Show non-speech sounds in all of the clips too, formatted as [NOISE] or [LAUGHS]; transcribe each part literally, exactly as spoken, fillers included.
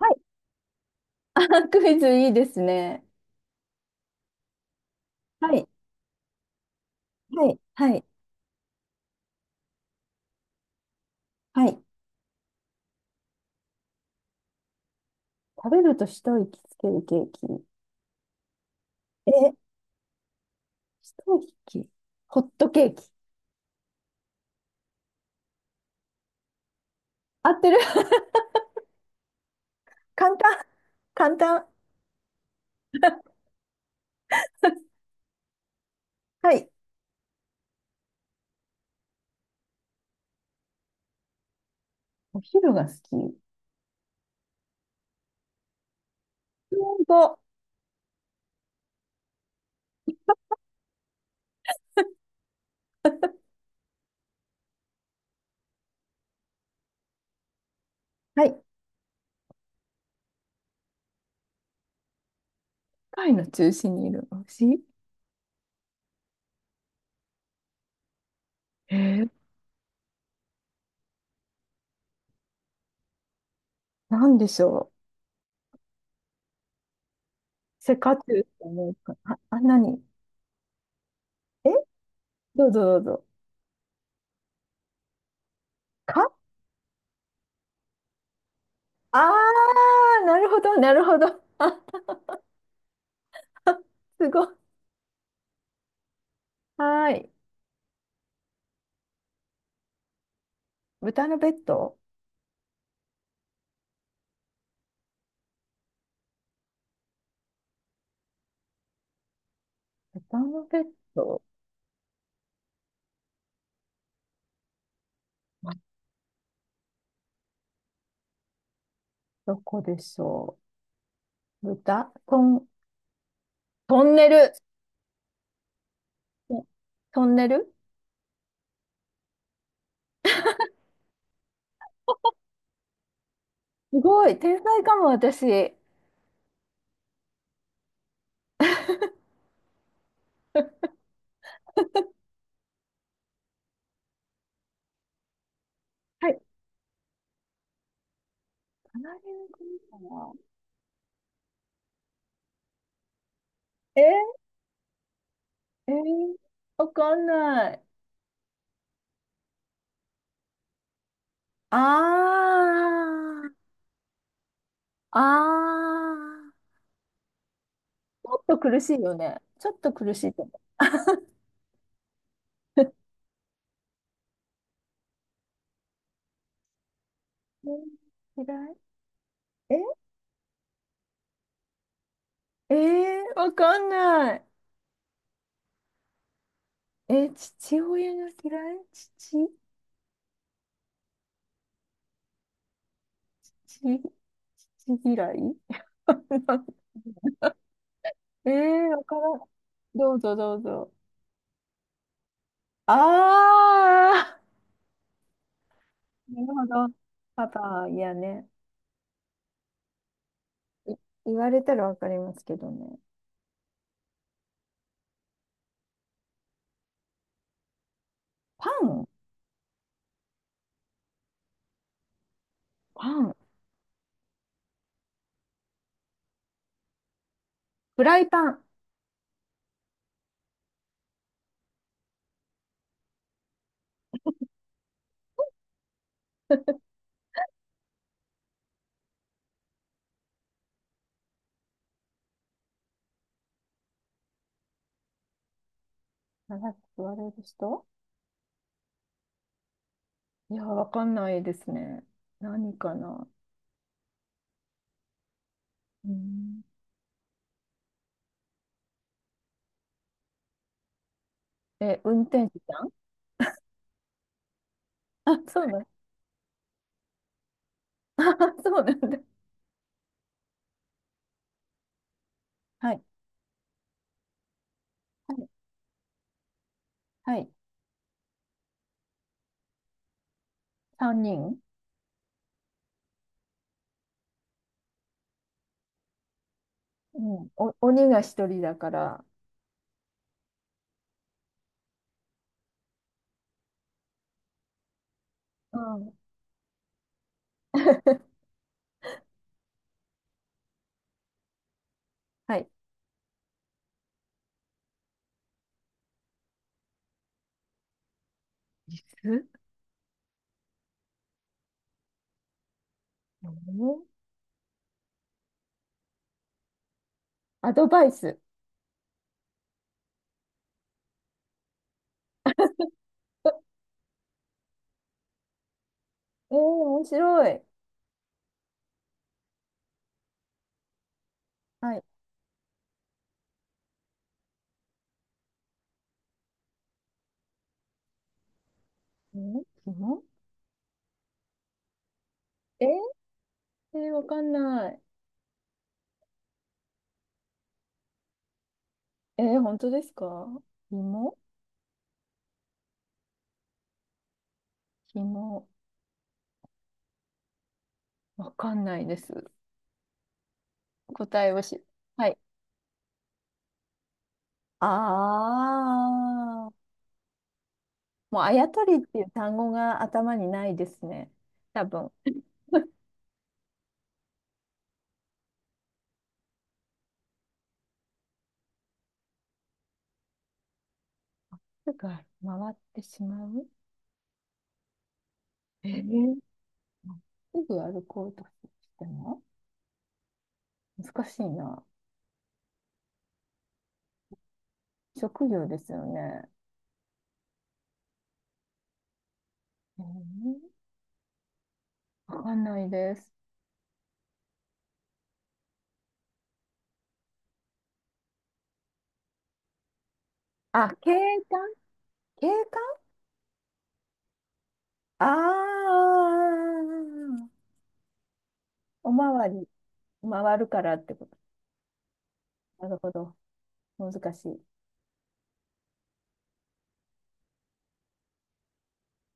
はい。[LAUGHS] あ、クイズいいですね。はい。はい。はい。はい。食べると一息つけるケーキ。え、一息、ホットケーキ。合ってる。 [LAUGHS] 簡単。簡単。[LAUGHS] はい。お昼が好き。本当。はい。世界の中心にいる牛。えー、なんでしょう。セカチュウって思うか。あ、あ、何え、どうぞどうぞ。か、ああー、なるほど、なるほど。[LAUGHS] あ、すごい。はーい。豚のベッド、豚のベッド、どこでしょう、豚、トン、トンネル。トンネル。すごい、天才かも、私。はい。カナリア国かな。ええー、わかんない。あー、あー。ちょっと苦しいよね。ちょっと苦しいと思う。嫌い、ええー、わかんない。え、父親が嫌い、父、父、父嫌い。 [LAUGHS] ええー、わからん。どうぞどうぞ。ああ、なるほど。パパ、いやね。い、言われたらわかりますけどね。パン、パン、フライパン。長く座れる人。いや、わかんないですね。何かな。うん、え、運転手さん。あ、そうなん。 [LAUGHS] そうなんだ。はい。はい。はい。さんにん。うん。お、鬼がひとりだから。うん。[LAUGHS] はい。椅子、アドバイス。えー、面白い。はい。ん、紐。えー、えー、わかんない。えー、本当ですか。紐、紐、わかんないです。答えをし、はい。ああ、もうあやとりっていう単語が頭にないですね。多分。すぐ回ってしまう。えー、すぐ歩こうとしても難しいな。職業ですよね。えー、わかんないです。あ、景観、景観、ああー、おまわり、回るからってこと。なるほど。難しい。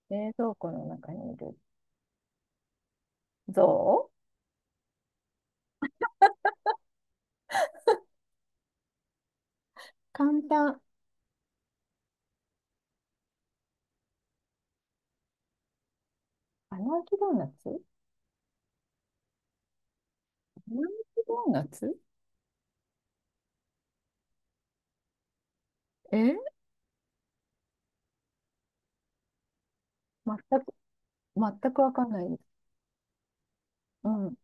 冷蔵庫の中にいる、象。簡単。穴あきドーナツ、穴あきドーナツ、え、全く、全くわかんないです。うん。うん、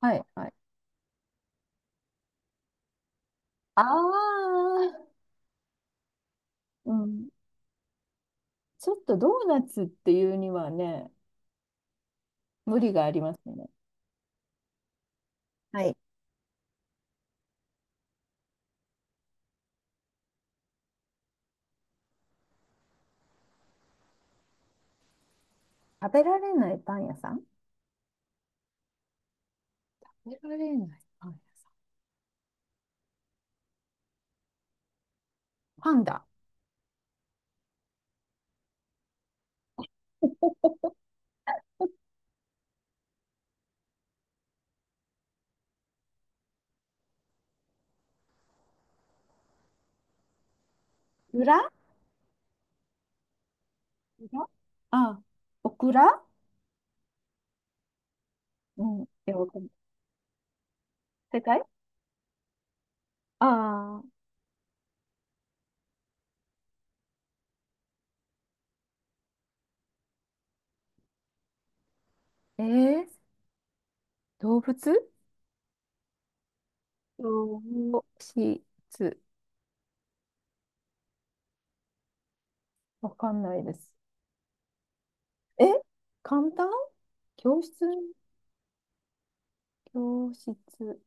はい、はい。ああ、うん。ちょっとドーナツっていうにはね、無理がありますね。はい。食べられないパン屋さん、食べられないパン屋さん。パンダ。オクラ、ああ、オクラ。うん。いや、わかんない。正解。ああー、えー、動物ー、どうしつ。わかんないです。え、簡単、教室、教室。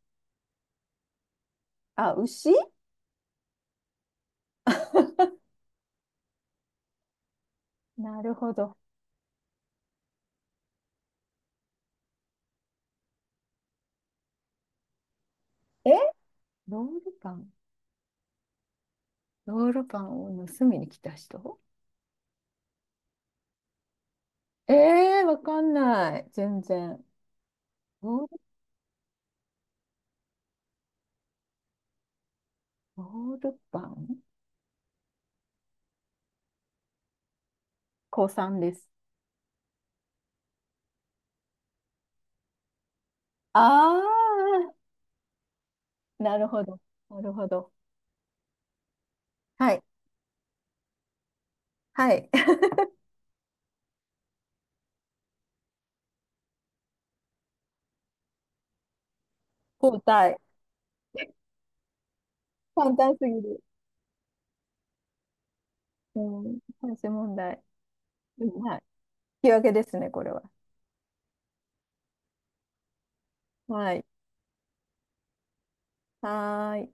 あ、牛。なるほど。え、ロールパン。ロールパンを盗みに来た人。えー、わかんない。全然。ロール、ロールパン、高さんです。ああ、なるほど。なるほど。はい。はい。[LAUGHS] 交代。簡単すぎる。うん。最終問題。うん、はい。引き分けですね、これは。はい。はーい。